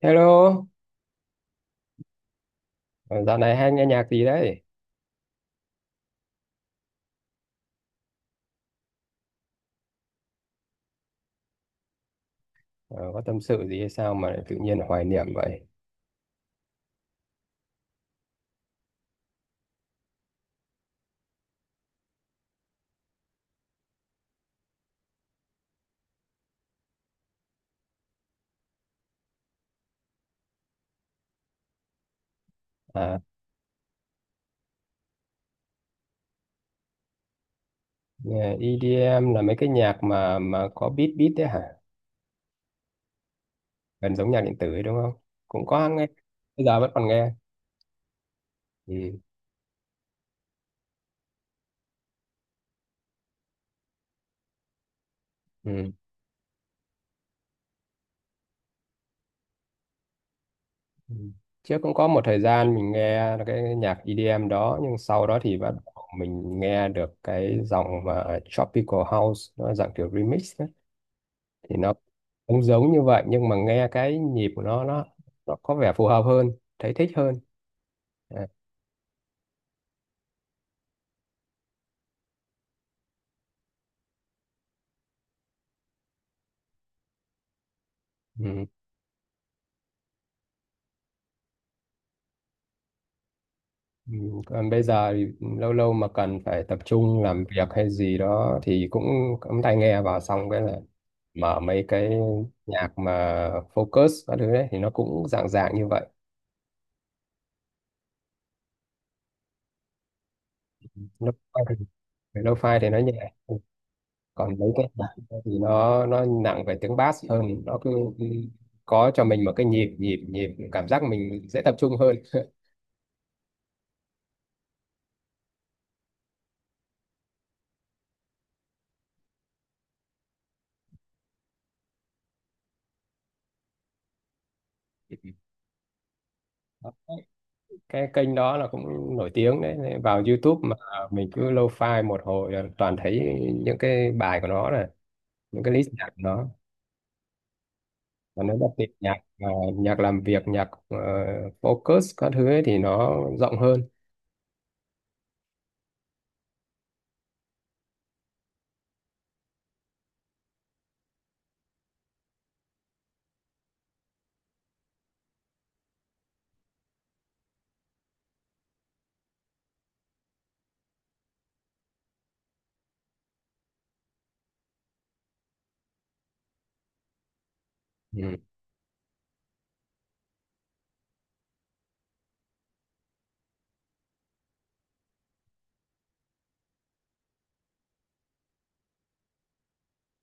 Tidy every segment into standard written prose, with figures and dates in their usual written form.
Hello, ờ, dạo này hay nghe nhạc gì đấy? Ờ, có tâm sự gì hay sao mà lại tự nhiên hoài niệm vậy? À, nghe EDM là mấy cái nhạc mà có beat beat đấy hả? Gần giống nhạc điện tử ấy đúng không? Cũng có nghe, bây giờ vẫn còn nghe. Ừ. Ừ. Ừ. Trước cũng có một thời gian mình nghe cái nhạc EDM đó, nhưng sau đó thì bắt đầu mình nghe được cái dòng mà Tropical House, nó là dạng kiểu remix thì nó cũng giống như vậy, nhưng mà nghe cái nhịp của nó có vẻ phù hợp hơn, thấy thích hơn. À, ừ. Ừ. Còn bây giờ thì lâu lâu mà cần phải tập trung làm việc hay gì đó thì cũng cắm tai nghe vào, xong cái là mở mấy cái nhạc mà focus các thứ đấy thì nó cũng dạng dạng như vậy. lo-fi Lo-fi thì nó nhẹ, còn mấy cái nhạc thì nó nặng về tiếng bass hơn, nó cứ có cho mình một cái nhịp nhịp nhịp, cảm giác mình dễ tập trung hơn. Cái kênh đó là cũng nổi tiếng đấy. Nên vào YouTube mà mình cứ lâu file một hồi là toàn thấy những cái bài của nó này, những cái list nhạc của nó. Và nó đặc biệt nhạc ờ, nhạc làm việc nhạc focus các thứ ấy thì nó rộng hơn. Ừ.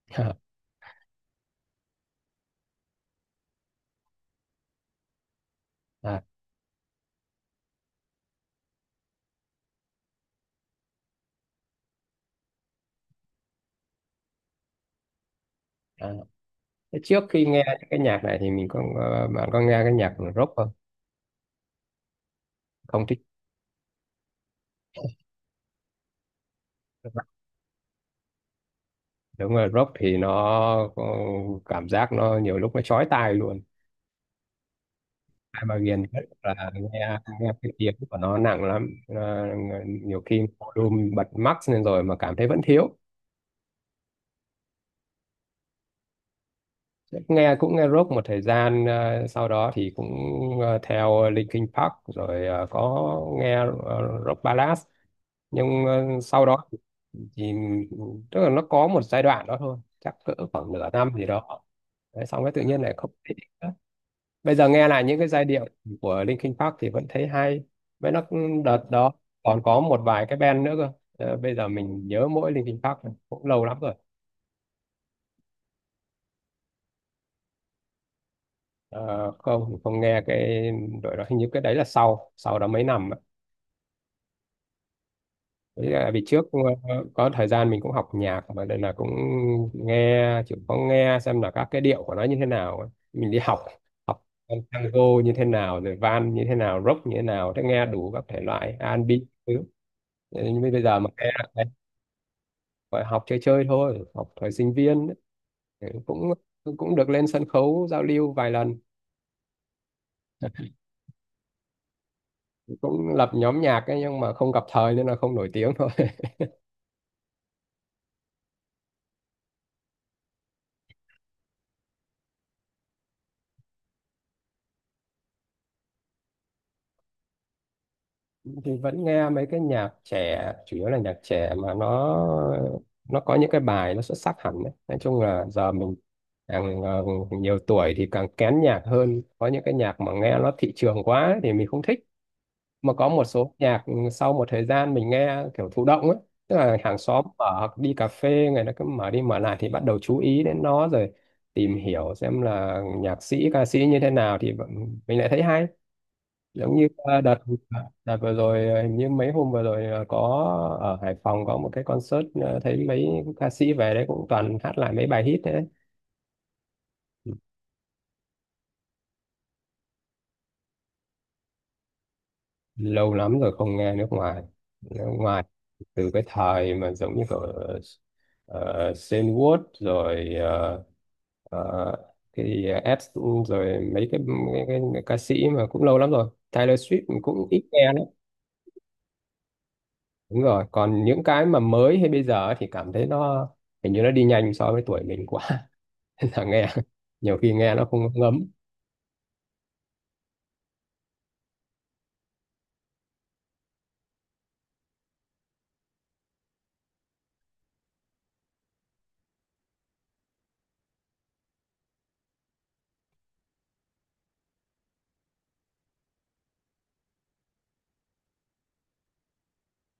À, à. Thế trước khi nghe những cái nhạc này thì mình bạn có nghe cái nhạc rock không? Không thích rock. Đúng rồi, rock thì nó có cảm giác nó nhiều lúc nó chói tai luôn, ai mà ghiền nhất là nghe cái tiếng của nó nặng lắm. Nó- nhiều khi volume bật max lên rồi mà cảm thấy vẫn thiếu. Nghe cũng nghe rock một thời gian, sau đó thì cũng theo Linkin Park, rồi có nghe rock ballad, nhưng sau đó thì tức là nó có một giai đoạn đó thôi, chắc cỡ khoảng nửa năm gì đó. Đấy, xong cái tự nhiên lại không thích nữa. Bây giờ nghe lại những cái giai điệu của Linkin Park thì vẫn thấy hay, với nó đợt đó còn có một vài cái band nữa cơ. Ờ, bây giờ mình nhớ mỗi Linkin Park thôi, cũng lâu lắm rồi. Ờ, không, mình không nghe cái đội đó, hình như cái đấy là sau sau đó mấy năm ạ. Với lại vì trước có thời gian mình cũng học nhạc mà, đây là cũng nghe chịu có nghe xem là các cái điệu của nó như thế nào ấy. Mình đi học học con tango như thế nào, rồi van như thế nào, rock như thế nào, thế nghe đủ các thể loại R&B thứ. Thế nhưng bây giờ mà nghe phải học chơi chơi thôi, học thời sinh viên ấy. Ừ, cũng cũng được lên sân khấu giao lưu vài lần, cũng lập nhóm nhạc ấy, nhưng mà không gặp thời nên là không nổi tiếng thôi. Thì vẫn nghe mấy cái nhạc trẻ, chủ yếu là nhạc trẻ, mà nó có những cái bài nó xuất sắc hẳn đấy. Nói chung là giờ mình càng nhiều tuổi thì càng kén nhạc hơn, có những cái nhạc mà nghe nó thị trường quá ấy thì mình không thích, mà có một số nhạc sau một thời gian mình nghe kiểu thụ động ấy, tức là hàng xóm mở, đi cà phê người ta cứ mở đi mở lại thì bắt đầu chú ý đến nó, rồi tìm hiểu xem là nhạc sĩ ca sĩ như thế nào thì mình lại thấy hay. Giống như đợt đợt vừa rồi ờ, hình như mấy hôm vừa rồi có ở Hải Phòng có một cái concert, thấy mấy ca sĩ về đấy cũng toàn hát lại mấy bài hit. Lâu lắm rồi không nghe nước ngoài. Nước ngoài từ cái thời mà giống như kiểu uh, Wood, rồi ờ, thì Ed, rồi mấy cái ca sĩ mà cũng lâu lắm rồi. Taylor Swift mình cũng ít nghe lắm. Đúng rồi, còn những cái mà mới hay bây giờ thì cảm thấy nó hình như nó đi nhanh so với tuổi mình quá. Nên là nghe nhiều khi nghe nó không ngấm.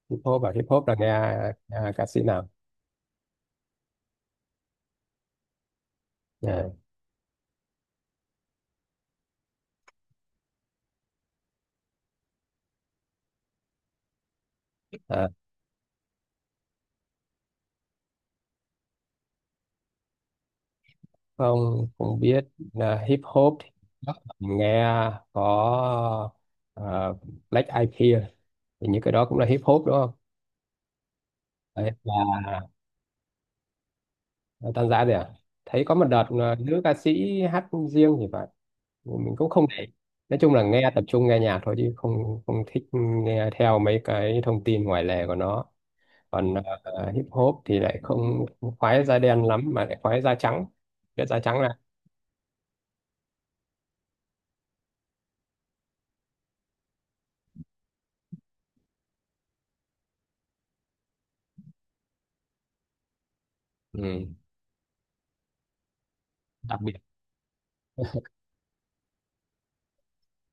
Hip hop, hip hop là nghe ca sĩ nào? À, à, không, cũng biết là hip hop thì đó, mình nghe có à, Black Eyed Peas thì những cái đó cũng là hip hop đúng không? Đấy, và tan ra rồi à? Thấy có một đợt nữ ca sĩ hát riêng thì phải, mình cũng không để ý. Nói chung là nghe tập trung nghe nhạc thôi, chứ không không thích nghe theo mấy cái thông tin ngoài lề của nó, còn hip hop thì lại không không khoái da đen lắm, mà lại khoái da trắng, biết da trắng là ừ. Đặc biệt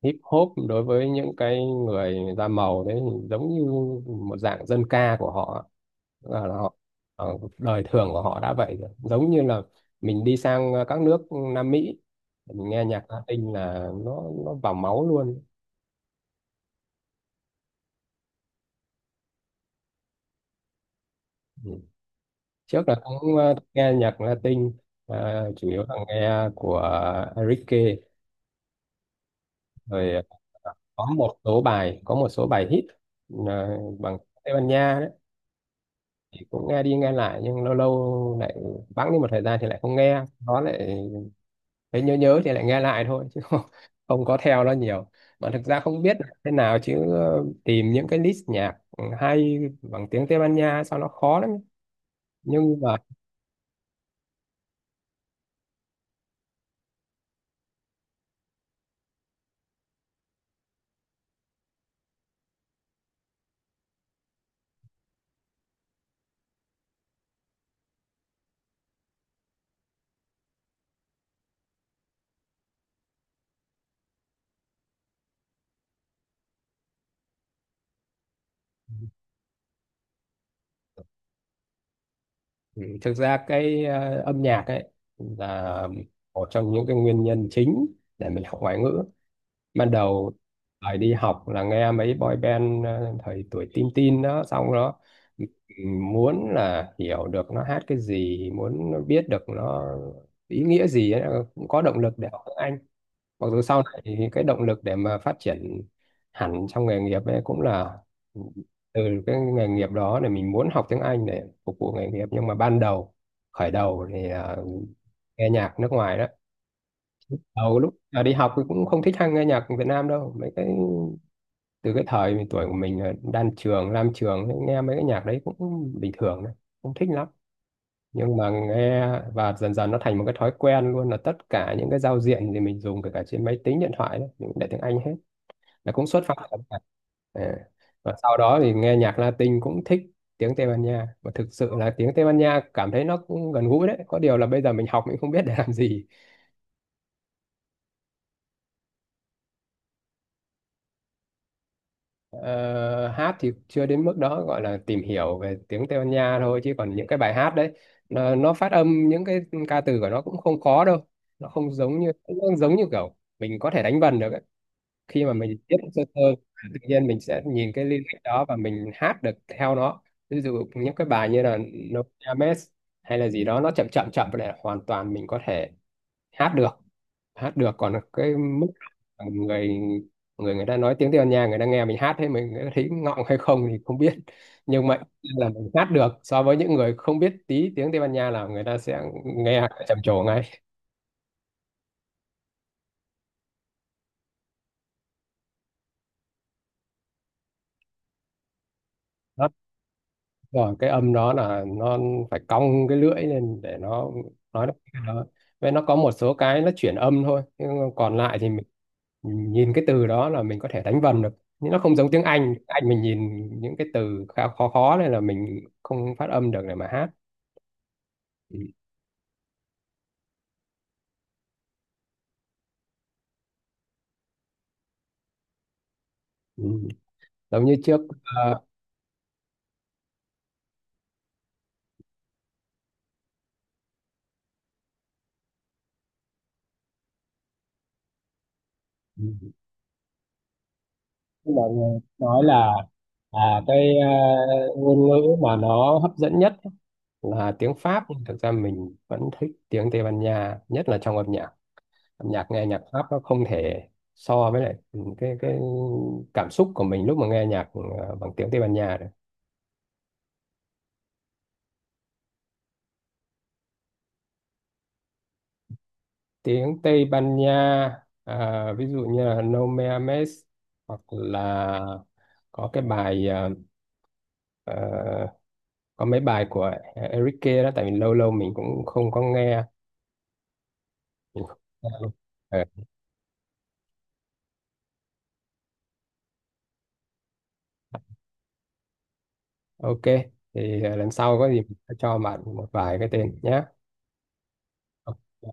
hip hop đối với những cái người da màu đấy thì giống như một dạng dân ca của họ, là họ đời thường của họ đã vậy rồi, giống như là mình đi sang các nước Nam Mỹ, mình nghe nhạc Latin là nó vào máu luôn. Ừ. Trước là cũng nghe nhạc Latin, chủ yếu là nghe của Enrique, rồi có một số bài hit bằng Tây Ban Nha đấy, thì cũng nghe đi nghe lại, nhưng lâu lâu lại bẵng đi một thời gian thì lại không nghe nó, lại thấy nhớ nhớ thì lại nghe lại thôi, chứ không có theo nó nhiều. Mà thực ra không biết là thế nào, chứ tìm những cái list nhạc hay bằng tiếng Tây Ban Nha sao nó khó lắm. Nhưng mà ừ, thực ra cái âm nhạc ấy là một trong những cái nguyên nhân chính để mình học ngoại ngữ ban đầu. Thời đi học là nghe mấy boy band, thời tuổi teen teen đó, xong đó ừ, muốn là hiểu được nó hát cái gì, muốn biết được nó ý nghĩa gì ấy, cũng có động lực để học tiếng Anh. Mặc dù sau này thì cái động lực để mà phát triển hẳn trong nghề nghiệp ấy cũng là từ cái nghề nghiệp đó, để mình muốn học tiếng Anh để phục vụ nghề nghiệp, nhưng mà ban đầu khởi đầu thì nghe nhạc nước ngoài đó. Đầu lúc đi học thì cũng không thích nghe nhạc Việt Nam đâu, mấy cái từ cái thời mình, tuổi của mình là đan trường lam trường thì nghe mấy cái nhạc đấy cũng bình thường đấy, không thích lắm. Nhưng mà nghe, và dần dần nó thành một cái thói quen luôn, là tất cả những cái giao diện thì mình dùng, kể cả trên máy tính điện thoại đấy, mình cũng để tiếng Anh hết, là cũng xuất phát từ cả. À. Và sau đó thì nghe nhạc Latin cũng thích tiếng Tây Ban Nha, và thực sự là tiếng Tây Ban Nha cảm thấy nó cũng gần gũi đấy, có điều là bây giờ mình học mình không biết để làm gì. Ờ, hát thì chưa đến mức đó, gọi là tìm hiểu về tiếng Tây Ban Nha thôi, chứ còn những cái bài hát đấy nó phát âm những cái ca từ của nó cũng không khó đâu, nó không giống như, kiểu mình có thể đánh vần được ấy. Khi mà mình biết sơ sơ tự nhiên mình sẽ nhìn cái lyric đó và mình hát được theo nó, ví dụ những cái bài như là No Ames hay là gì đó, nó chậm chậm chậm này hoàn toàn mình có thể hát được. Hát được, còn cái mức người người người ta nói tiếng Tây Ban Nha, người ta nghe mình hát thế, mình, người ta thấy ngọng hay không thì không biết, nhưng mà là mình hát được so với những người không biết tí tiếng Tây Ban Nha là người ta sẽ nghe trầm trồ ngay. Rồi cái âm đó là nó phải cong cái lưỡi lên để nó nói được cái đó, vậy nó có một số cái nó chuyển âm thôi, nhưng còn lại thì mình nhìn cái từ đó là mình có thể đánh vần được, nhưng nó không giống tiếng Anh. Tiếng Anh mình nhìn những cái từ khá khó khó này là mình không phát âm được để mà hát. Ừ. Ừ. Giống như trước ờ, ừ, mọi người nói là cái ngôn ngữ mà nó hấp dẫn nhất là tiếng Pháp, nhưng thực ra mình vẫn thích tiếng Tây Ban Nha nhất là trong âm nhạc. Âm nhạc nghe nhạc Pháp nó không thể so với lại cái cảm xúc của mình lúc mà nghe nhạc bằng tiếng Tây Ban Nha được. Tiếng Tây Ban Nha ví dụ như là No Me Ames, hoặc là có cái bài ờ, có mấy bài của Enrique đó, tại vì lâu lâu mình cũng không có nghe. Mình không nghe luôn. Ờ, ok, thì lần sau có gì mình sẽ cho bạn một vài cái tên nhé